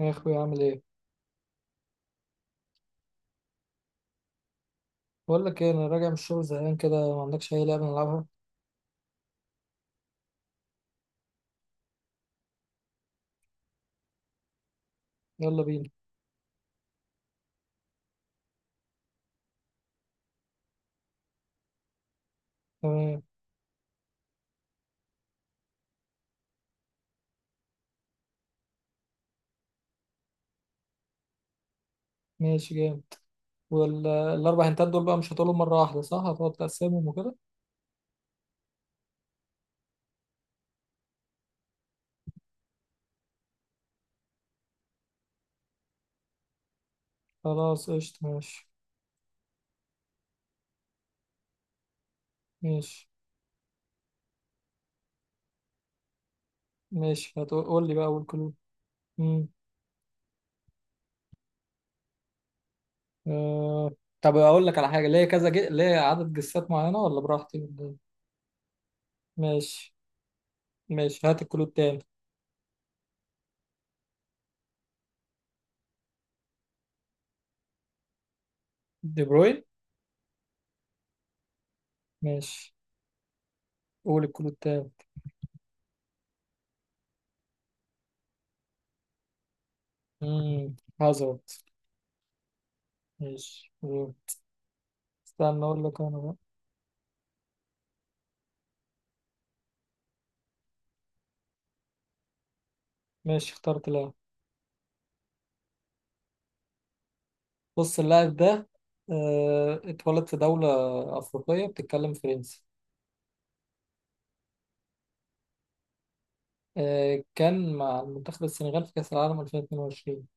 يا اخوي، عامل ايه؟ بقول لك ايه، انا راجع من الشغل زهقان كده، ما عندكش اي لعبه نلعبها؟ يلا بينا. تمام. ماشي، جامد. والاربع هنتات دول بقى مش هتقولهم مره واحده، صح؟ هتقعد تقسمهم وكده؟ خلاص، قشطه، ماشي. ماشي. ماشي، هتقول لي بقى اول كلو. امم. آه. طب اقول لك على حاجه، ليه كذا ليه عدد جسات معينه، ولا براحتي ولا إيه؟ ماشي. ماشي، هات الكلو التاني. دي بروين. ماشي، قول الكلو التاني. امم. هازارد. ماشي، قول. استنى، اقول لك انا بقى. ماشي، اخترت لاعب. بص، اللاعب ده اتولد في دولة أفريقية بتتكلم فرنسي. كان مع منتخب السنغال في كأس العالم 2022.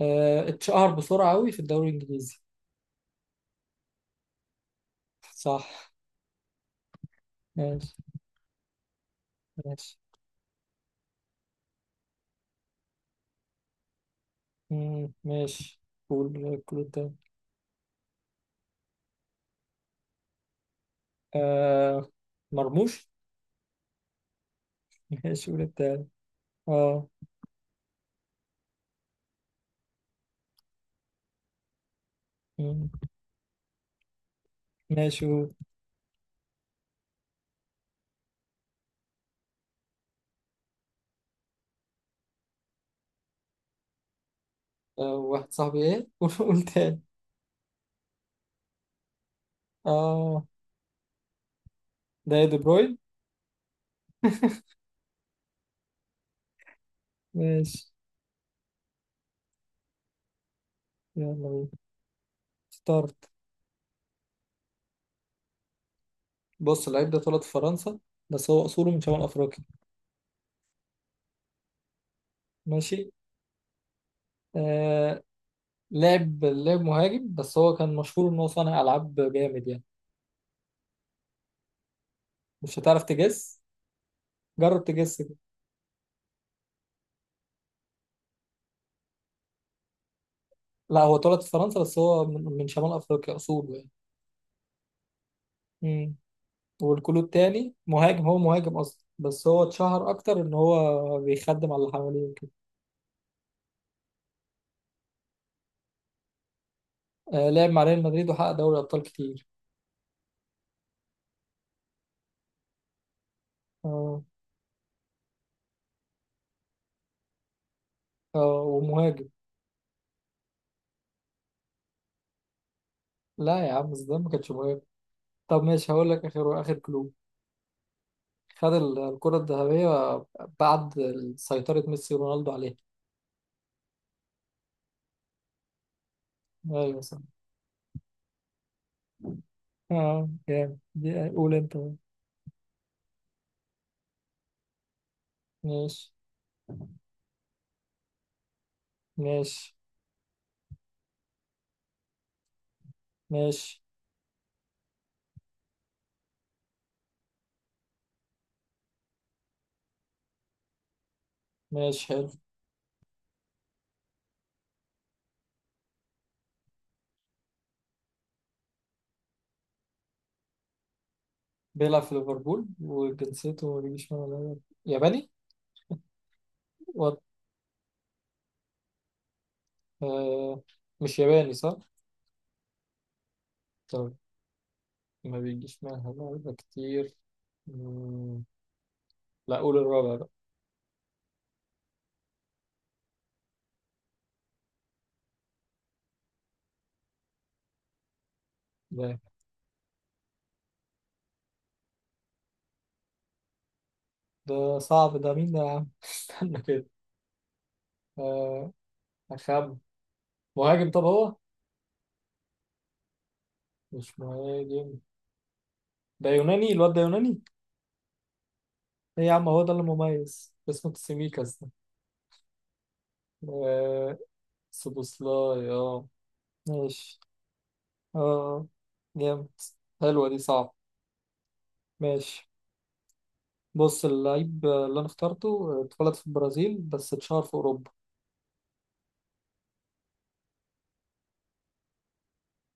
اتشهر بسرعة أوي في الدوري الإنجليزي. صح. ماشي. ماشي. ماشي. قول التاني. آه، مرموش. ماشي، قول التاني. اه. مم، ماشي قول. واحد صاحبي ايه؟ قول تاني. اه. ده إيه، دي بروين. ماشي. يلا بينا. اخترت. بص، اللعيب ده اتولد في فرنسا، بس هو أصوله من شمال أفريقيا. ماشي. آه لعب مهاجم، بس هو كان مشهور إن هو صانع ألعاب جامد يعني. مش هتعرف تجس. جرب تجس كده. لا، هو اتولد في فرنسا بس هو من شمال أفريقيا أصوله يعني. مم. والكلو التاني مهاجم، هو مهاجم أصلا بس هو اتشهر أكتر إن هو بيخدم على اللي حواليه وكده. لعب مع ريال مدريد وحقق دوري أبطال كتير. اه. اه، ومهاجم. لا يا عم، زيدان ما كانش مهاجم. طب ماشي، هقول لك آخر آخر كلو. خد الكرة الذهبية بعد سيطرة ميسي ورونالدو عليها. أيوة، صح. أه جامد، دي قول أنت بقى. ماشي. ماشي. ماشي. ماشي، حلو. بيلعب في ليفربول وجنسيته ما بيجيش من، ولا ياباني؟ و... آه مش ياباني، صح؟ طب، ما بيجيش منها لعيبة كتير. مم، لا، قول الرابع بقى. ده ده صعب، ده مين ده يا عم؟ استنى كده. آه. أخم. مهاجم، طب هو؟ مش مهاجم؟ ده يوناني، الواد ده يوناني. ايه يا عم، هو ده اللي مميز اسمه تسيميكاس ده؟ آه سوبوسلاي. اه. ماشي. اه، جامد. حلوة دي، صعب. ماشي. بص، اللعيب اللي انا اخترته اتولد في البرازيل بس اتشهر في اوروبا.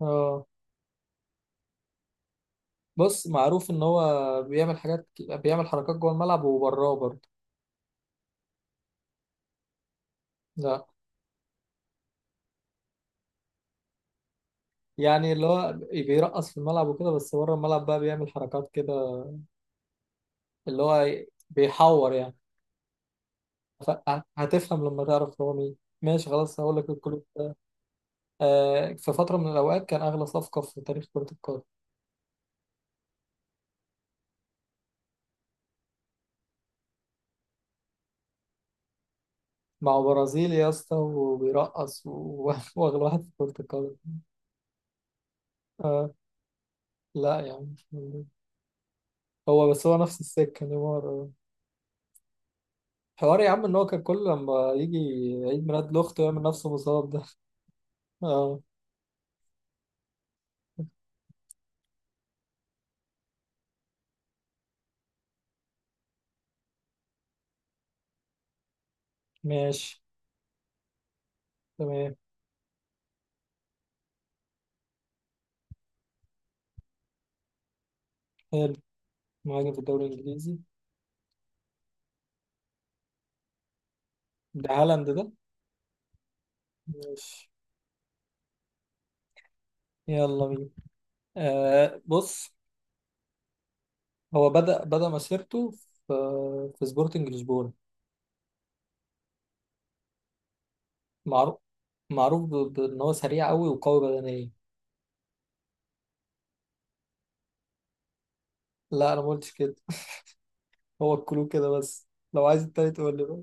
اه. بص، معروف ان هو بيعمل حاجات، بيعمل حركات جوه الملعب وبراه برضه. لا. يعني اللي هو بيرقص في الملعب وكده، بس بره الملعب بقى بيعمل حركات كده، اللي هو بيحور يعني. ف- هتفهم لما تعرف هو مين. ماشي، خلاص هقول لك الكلوب ده. في فترة من الأوقات كان أغلى صفقة في تاريخ كرة القدم. مع برازيل يا اسطى، وبيرقص وأغلى واحد في كرة القدم. آه. لا يا عم، هو بس هو نفس السكة نيمار آه. حوار يا عم إن هو كان كل لما يجي عيد ميلاد لأخته يعمل نفسه مصاب ده. اه. ماشي. تمام. حلو. مهاجم في الدوري الإنجليزي. ده هالاند ده. ماشي. يلا بينا. بص، هو بدأ مسيرته في سبورتنج لشبونة. معروف. معروف بان هو سريع قوي وقوي بدنيا. لا، انا ما قلتش كده. هو الكلو كده بس. لو عايز التاني تقول لي بقى.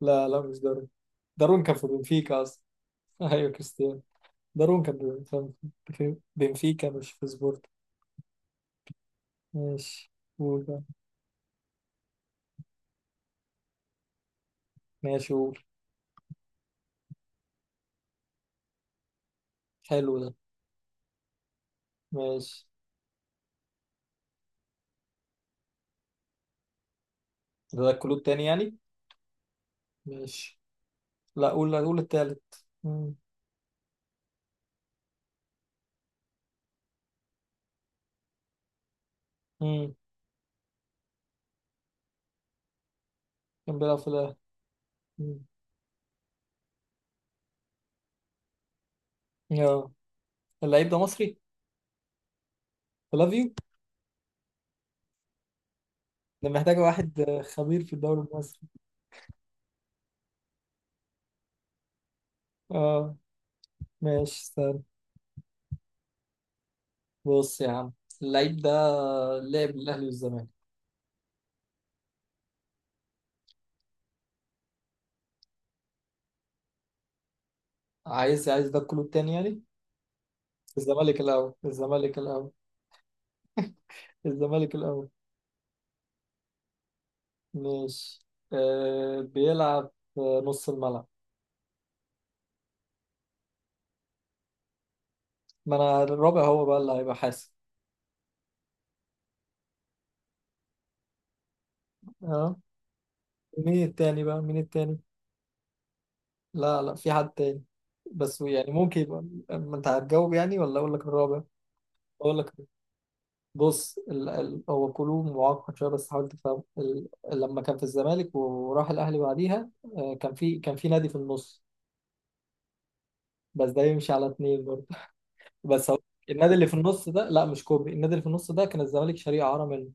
لا لا، مش دارون. دارون كان في بنفيكا اصلا. ايوه، كريستيانو. دارون كان كان في بنفيكا مش في سبورت. ماشي. قول بقى. ماشي، قول. حلو ده. ماشي. ده الكلو التاني يعني. ماشي. لا، قول التالت. مم. مم. كان بيلعب في الاهلي. مم. يا اللعيب ده مصري؟ لاف يو. ده محتاجة واحد خبير في الدوري المصري. اه. ماشي، استنى. بص يا عم، اللعيب ده لعب الأهلي والزمالك. عايز ده كله التاني يعني. الزمالك الأول، الزمالك الأول، الزمالك الأول. ماشي. بيلعب في نص الملعب. ما أنا الرابع هو بقى اللي هيبقى حاسب. اه. مين التاني بقى مين التاني؟ لا لا، في حد تاني، بس يعني ممكن يبقى. ما انت هتجاوب يعني، ولا اقول لك الرابع؟ اقول لك. بص هو كلو معقد شويه، بس حاول تفهم لما كان في الزمالك وراح الاهلي بعديها. كان في نادي في النص، بس ده يمشي على اتنين برضه. بس هو النادي اللي في النص ده، لا مش كوبري، النادي اللي في النص ده كان الزمالك شاريه اعاره منه.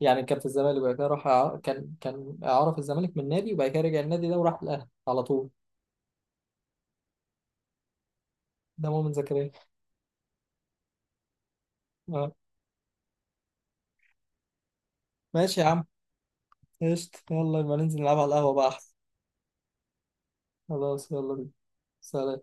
يعني كان في الزمالك وبعد كده راح كان اعاره في الزمالك من نادي وبعد كده رجع النادي ده وراح الاهلي على طول. ده مؤمن زكريا. آه. ماشي يا عم. قشطة، يلا يبقى ننزل نلعب على القهوه بقى احسن. خلاص، يلا بينا. سلام.